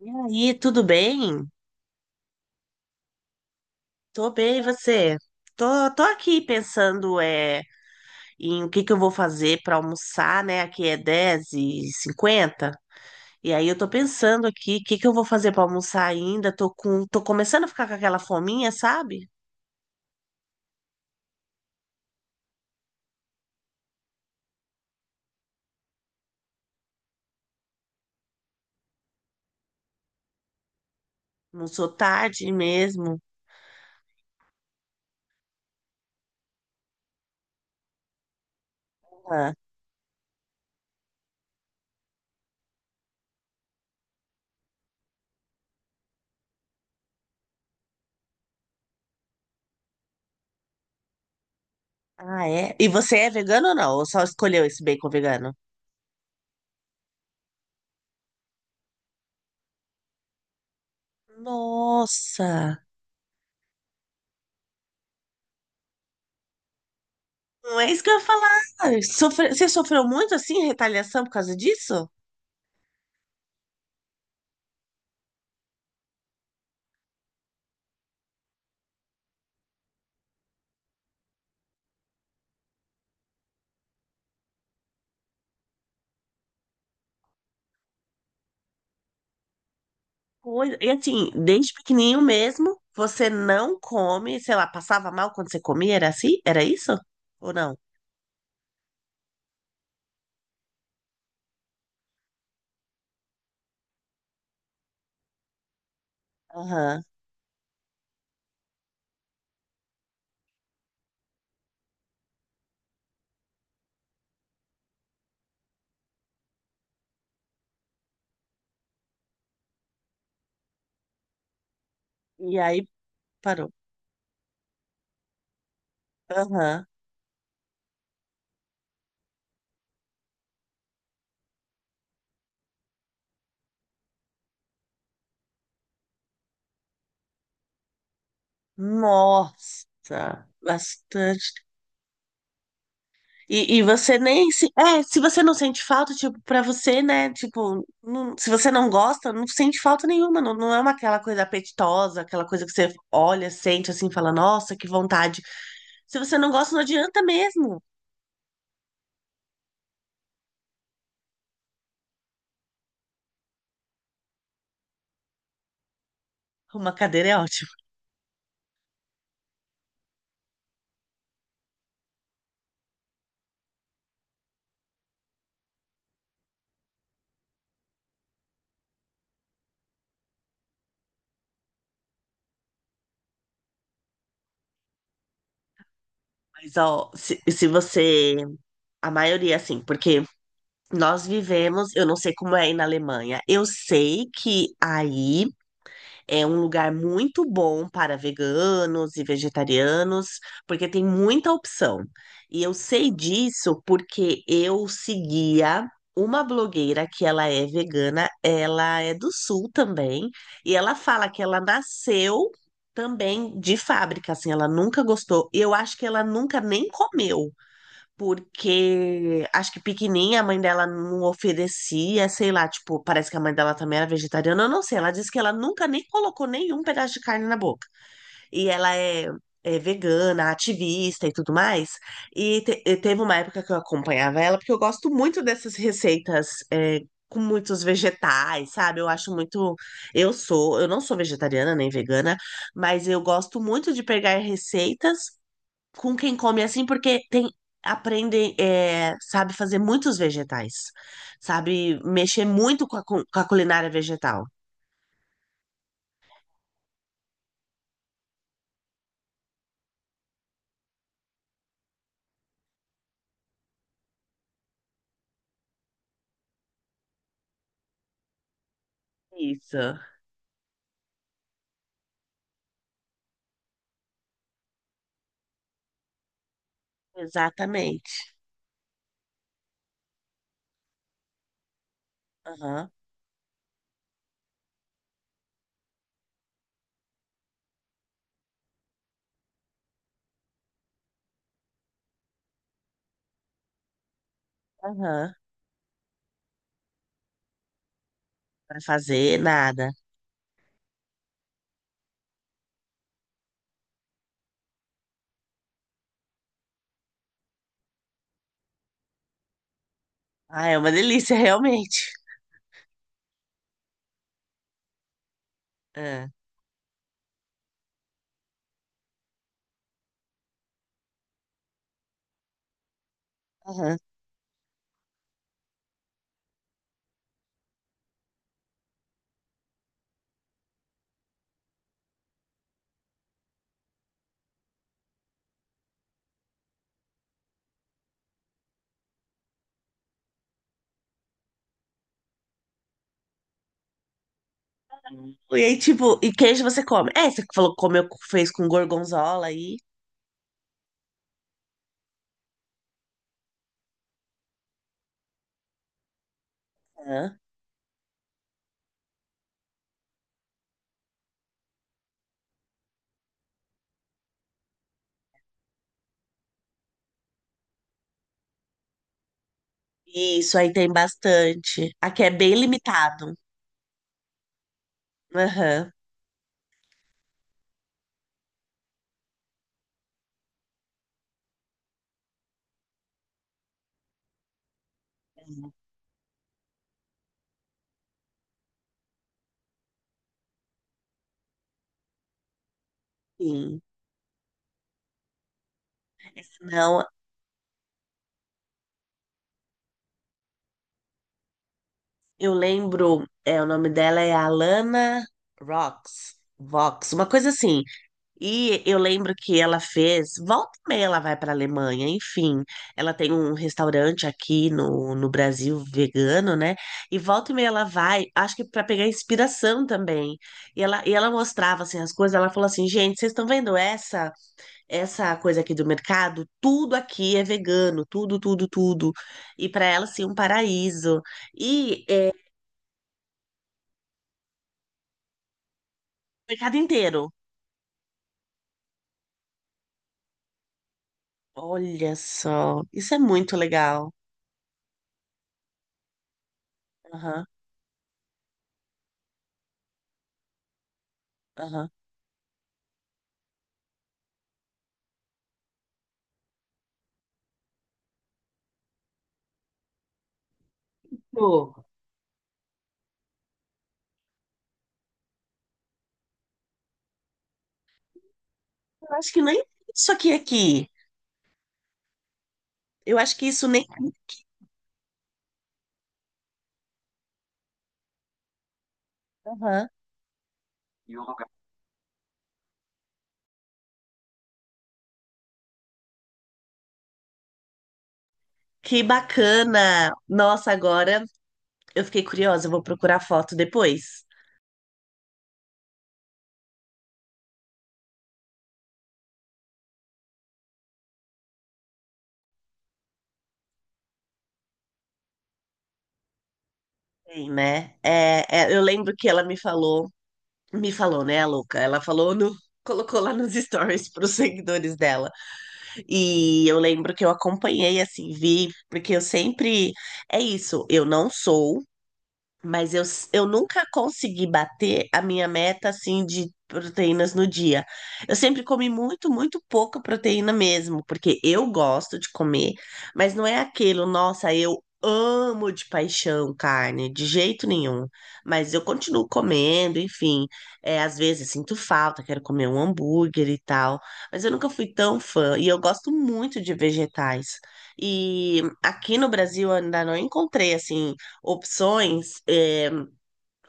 E aí, tudo bem? Tô bem, e você? Tô, tô aqui pensando em o que que eu vou fazer para almoçar, né? Aqui é 10:50. E aí eu tô pensando aqui, o que que eu vou fazer para almoçar ainda? Tô começando a ficar com aquela fominha, sabe? Não sou tarde mesmo. Ah, ah, é? E você é vegano ou não? Ou só escolheu esse bacon vegano? Nossa! Não é isso que eu ia falar. Você sofreu muito assim, retaliação por causa disso? Coisa. E assim, desde pequenininho mesmo, você não come, sei lá, passava mal quando você comia, era assim? Era isso? Ou não? Aham. E aí parou. Aham. Nossa, bastante. E você nem se. É, se você não sente falta, tipo, pra você, né? Tipo, se você não gosta, não sente falta nenhuma. Não, não é aquela coisa apetitosa, aquela coisa que você olha, sente assim, fala, nossa, que vontade. Se você não gosta, não adianta mesmo. Uma cadeira é ótima. Mas, ó, se você. A maioria, assim, porque nós vivemos, eu não sei como é aí na Alemanha, eu sei que aí é um lugar muito bom para veganos e vegetarianos, porque tem muita opção. E eu sei disso porque eu seguia. Uma blogueira que ela é vegana, ela é do sul também, e ela fala que ela nasceu também de fábrica, assim, ela nunca gostou. Eu acho que ela nunca nem comeu porque acho que pequenininha a mãe dela não oferecia, sei lá, tipo, parece que a mãe dela também era vegetariana, eu não sei. Ela disse que ela nunca nem colocou nenhum pedaço de carne na boca. E ela é, é vegana, ativista e tudo mais. E teve uma época que eu acompanhava ela, porque eu gosto muito dessas receitas. Com muitos vegetais, sabe? Eu acho muito. Eu não sou vegetariana nem vegana, mas eu gosto muito de pegar receitas com quem come assim, porque tem aprendem, é, sabe fazer muitos vegetais, sabe mexer muito com a culinária vegetal. Isso, exatamente. Aham, aham. Pra fazer nada. Ah, é uma delícia, realmente. É, aham. E aí, tipo, e queijo você come? É, você falou que comeu, fez com gorgonzola aí. Aham. Isso aí tem bastante. Aqui é bem limitado. Aham. Sim. Não, eu lembro, o nome dela é Alana Rox, Vox, uma coisa assim. E eu lembro que volta e meia ela vai para Alemanha, enfim. Ela tem um restaurante aqui no Brasil vegano, né? E volta e meia ela vai, acho que para pegar inspiração também. E ela mostrava assim as coisas, ela falou assim: "Gente, vocês estão vendo essa? Essa coisa aqui do mercado, tudo aqui é vegano, tudo, tudo, tudo. E para ela, assim, um paraíso. E é, o mercado inteiro." Olha só, isso é muito legal. Aham, aham. Pô, eu acho que nem isso aqui. Eu acho que isso nem. Aham. Que bacana! Nossa, agora eu fiquei curiosa, eu vou procurar foto depois. Tem, né? É, é, eu lembro que ela me falou, né, a louca? Ela falou no, colocou lá nos stories para os seguidores dela. E eu lembro que eu acompanhei, assim, vi, porque eu sempre. É isso, eu não sou mas eu nunca consegui bater a minha meta assim de proteínas no dia. Eu sempre comi muito, muito pouca proteína mesmo, porque eu gosto de comer, mas não é aquilo, nossa, eu amo de paixão carne, de jeito nenhum. Mas eu continuo comendo, enfim. É, às vezes sinto falta, quero comer um hambúrguer e tal, mas eu nunca fui tão fã e eu gosto muito de vegetais. E aqui no Brasil eu ainda não encontrei assim opções, é,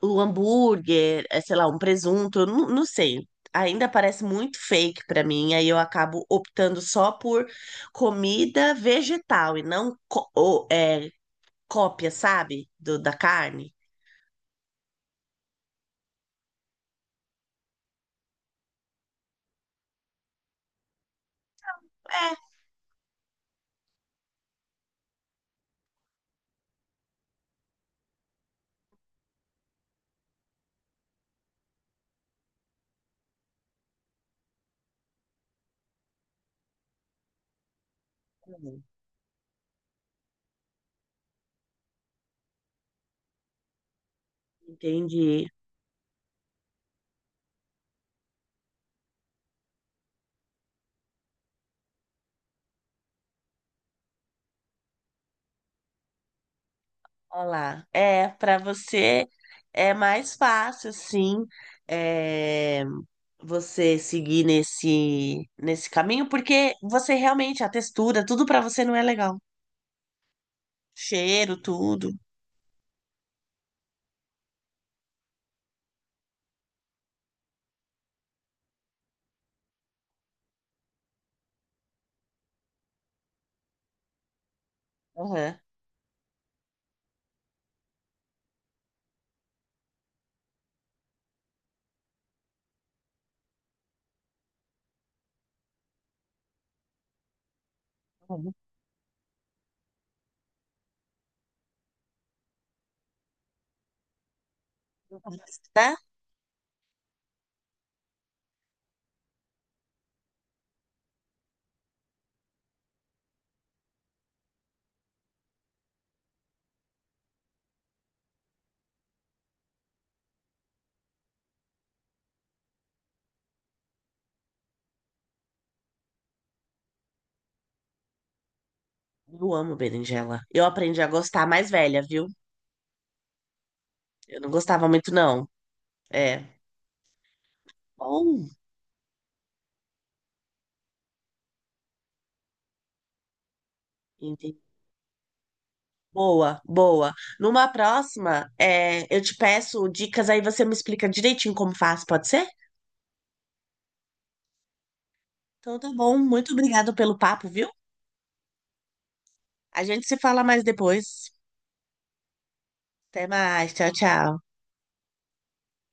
o hambúrguer, é, sei lá, um presunto, eu não sei. Ainda parece muito fake para mim, aí eu acabo optando só por comida vegetal e não ou, cópia, sabe, da carne. É, entendi. Olha lá. É, para você é mais fácil, sim, é, você seguir nesse, caminho, porque você realmente, a textura, tudo para você não é legal. Cheiro, tudo. Aham. Uhum. Tá? Eu amo berinjela. Eu aprendi a gostar mais velha, viu? Eu não gostava muito, não. É. Bom. Entendi. Boa, boa. Numa próxima, é, eu te peço dicas, aí você me explica direitinho como faz, pode ser? Então tá bom. Muito obrigado pelo papo, viu? A gente se fala mais depois. Até mais. Tchau, tchau.